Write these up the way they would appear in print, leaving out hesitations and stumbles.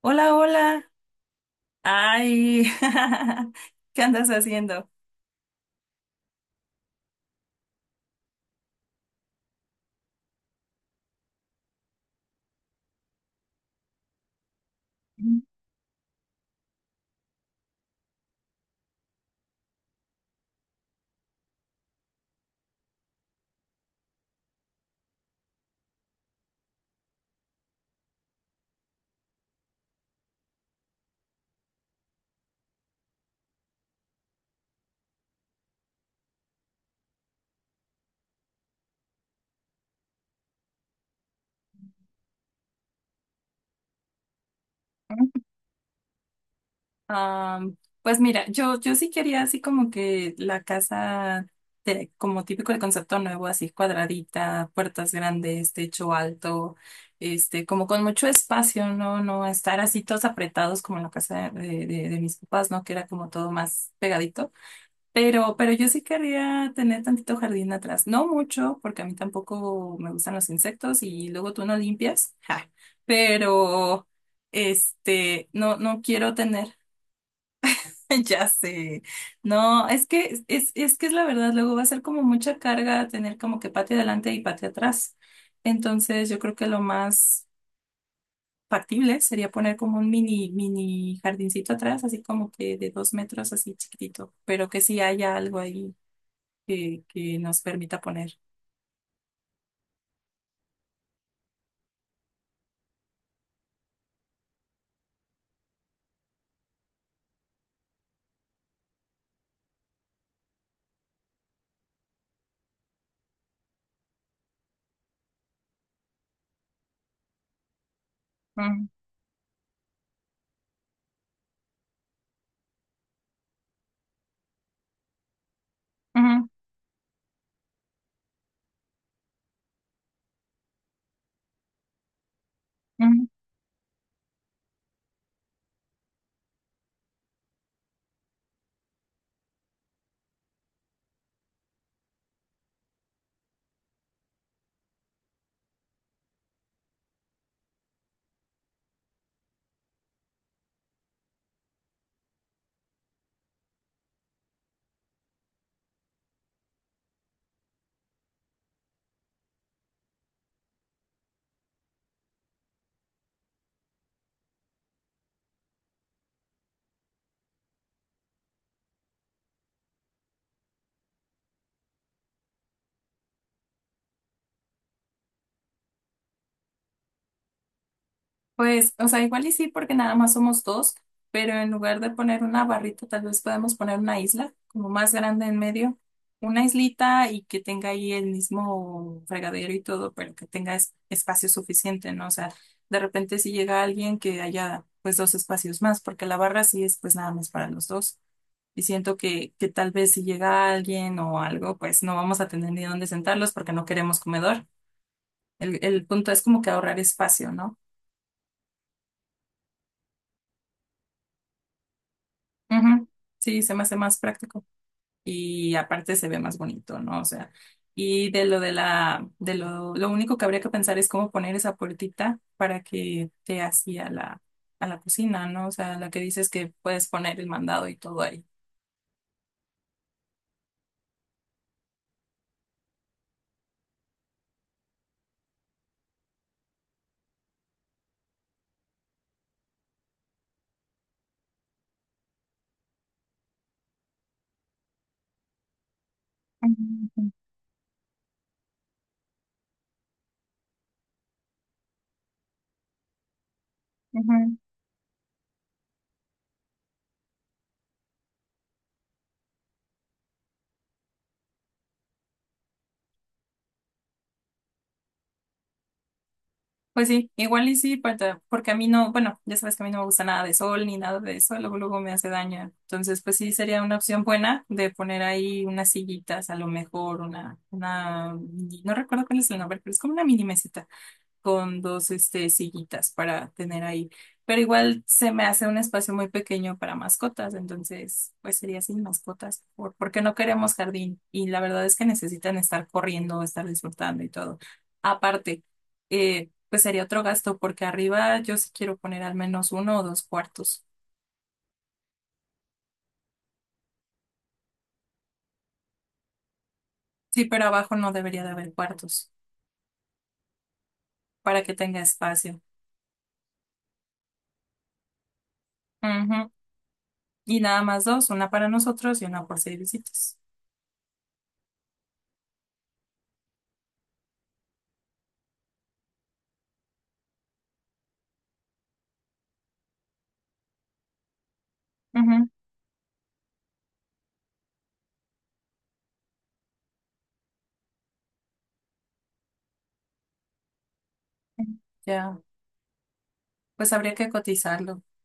Hola, hola. Ay, ¿qué andas haciendo? Am, pues mira, yo sí quería así como que la casa, como típico el concepto nuevo, así cuadradita, puertas grandes, techo alto, este, como con mucho espacio, ¿no? No estar así todos apretados como en la casa de mis papás, ¿no? Que era como todo más pegadito. Pero yo sí querría tener tantito jardín atrás. No mucho, porque a mí tampoco me gustan los insectos y luego tú no limpias. Ja. Pero, este, no quiero tener. Ya sé. No, es que es la verdad. Luego va a ser como mucha carga tener como que patio adelante y patio atrás. Entonces, yo creo que lo más factible sería poner como un mini jardincito atrás, así como que de dos metros, así chiquitito, pero que sí haya algo ahí que nos permita poner. Ujú, ujú, ujú. Pues, o sea, igual y sí, porque nada más somos dos, pero en lugar de poner una barrita, tal vez podemos poner una isla, como más grande en medio, una islita y que tenga ahí el mismo fregadero y todo, pero que tenga espacio suficiente, ¿no? O sea, de repente si llega alguien que haya pues dos espacios más, porque la barra sí es pues nada más para los dos. Y siento que tal vez si llega alguien o algo, pues no vamos a tener ni dónde sentarlos porque no queremos comedor. El punto es como que ahorrar espacio, ¿no? Ujú. Sí, se me hace más práctico y aparte se ve más bonito, ¿no? O sea, y de lo de la, de lo único que habría que pensar es cómo poner esa puertita para que te hacía a la cocina, ¿no? O sea, la que dices que puedes poner el mandado y todo ahí. Ujú, ujú. Ujú. Pues sí, igual y sí, porque a mí no, bueno, ya sabes que a mí no me gusta nada de sol ni nada de eso, luego me hace daño. Entonces, pues sí, sería una opción buena de poner ahí unas sillitas, a lo mejor una, no recuerdo cuál es el nombre, pero es como una mini mesita con dos este, sillitas para tener ahí. Pero igual se me hace un espacio muy pequeño para mascotas, entonces pues sería sin mascotas, porque no queremos jardín y la verdad es que necesitan estar corriendo, estar disfrutando y todo. Aparte, pues sería otro gasto porque arriba yo sí quiero poner al menos uno o dos cuartos. Sí, pero abajo no debería de haber cuartos para que tenga espacio. Ujú. Y nada más dos, una para nosotros y una por seis visitas. Ujú. Ya. Pues habría que cotizarlo.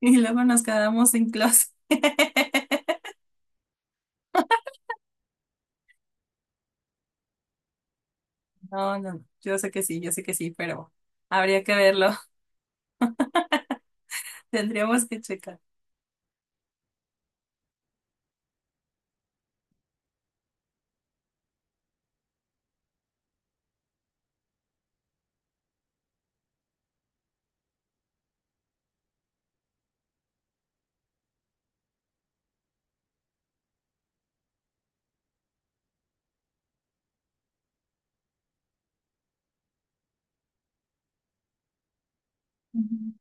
Y luego nos quedamos sin closet. No, no, no. Yo sé que sí, yo sé que sí, pero habría que verlo. Tendríamos que checar. Ujú.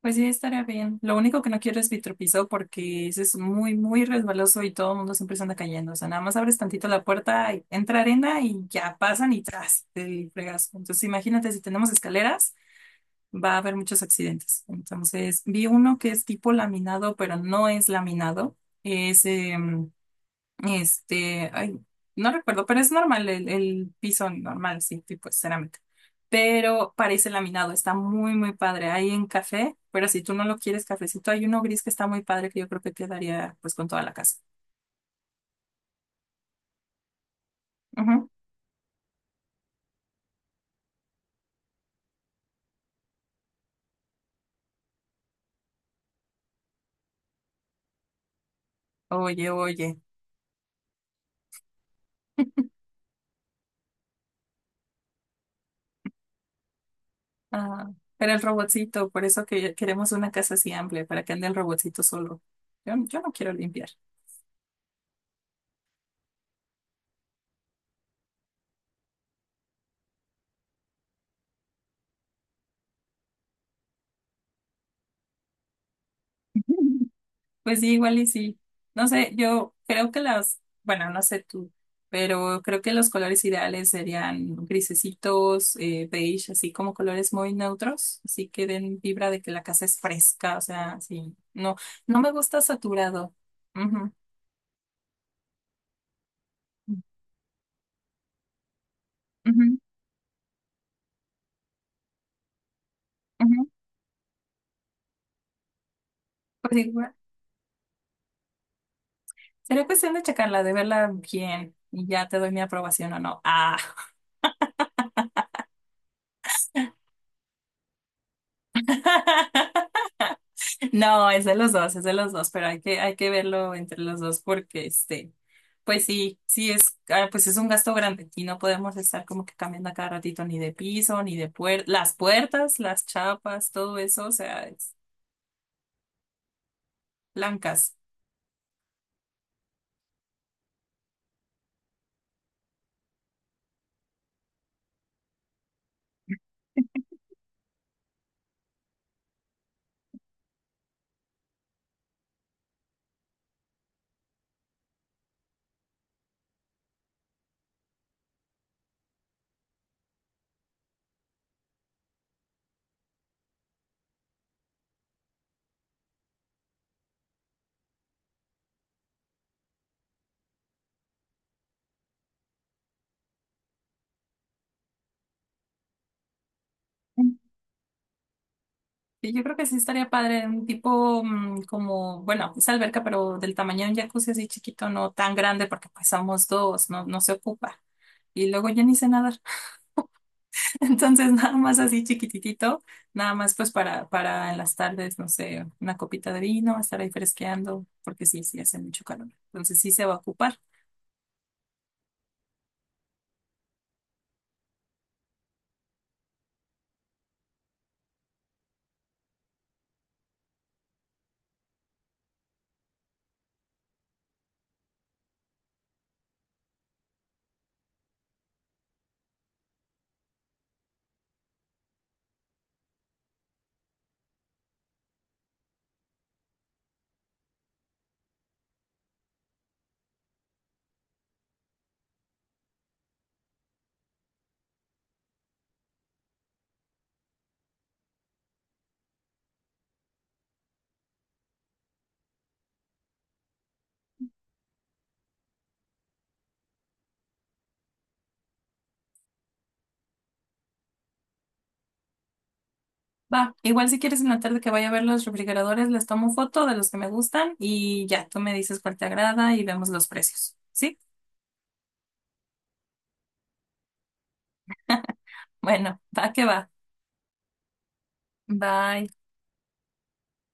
Pues sí, estaría bien. Lo único que no quiero es vitropiso porque ese es muy, muy resbaloso y todo el mundo siempre se anda cayendo. O sea, nada más abres tantito la puerta, y entra arena y ya pasan y tras el fregazo. Entonces, imagínate, si tenemos escaleras, va a haber muchos accidentes. Entonces, vi uno que es tipo laminado, pero no es laminado. Es ay, no recuerdo, pero es normal, el piso normal, sí, tipo cerámica. Pero parece laminado, está muy, muy padre. Hay en café, pero si tú no lo quieres cafecito, hay uno gris que está muy padre que yo creo que quedaría pues con toda la casa. Ujú. Oye, oye. Ah, pero el robotcito, por eso que queremos una casa así amplia, para que ande el robotcito solo. Yo no quiero limpiar. Pues sí, igual y sí. No sé, yo creo que las, bueno, no sé tú, pero creo que los colores ideales serían grisecitos, beige, así como colores muy neutros, así que den vibra de que la casa es fresca, o sea, sí. No, no me gusta saturado. Ujú, ujú, ujú. Pues igual, sería cuestión de checarla, de verla bien y ya te doy mi aprobación o no. Ah. No, es de los dos, es de los dos, pero hay hay que verlo entre los dos porque este, pues sí, sí es, ah, pues es un gasto grande. Y no podemos estar como que cambiando a cada ratito ni de piso, ni de puertas, las chapas, todo eso, o sea, es blancas. Y yo creo que sí estaría padre, un tipo como, bueno, es alberca, pero del tamaño de un jacuzzi así chiquito, no tan grande, porque pues somos dos, no, no se ocupa. Y luego yo ni sé nada. Entonces, nada más así chiquititito, nada más pues para en las tardes, no sé, una copita de vino, estar ahí fresqueando, porque sí, sí hace mucho calor. Entonces sí se va a ocupar. Va, igual si quieres en la tarde que vaya a ver los refrigeradores, les tomo foto de los que me gustan y ya, tú me dices cuál te agrada y vemos los precios. ¿Sí? Bueno, va que va. Bye.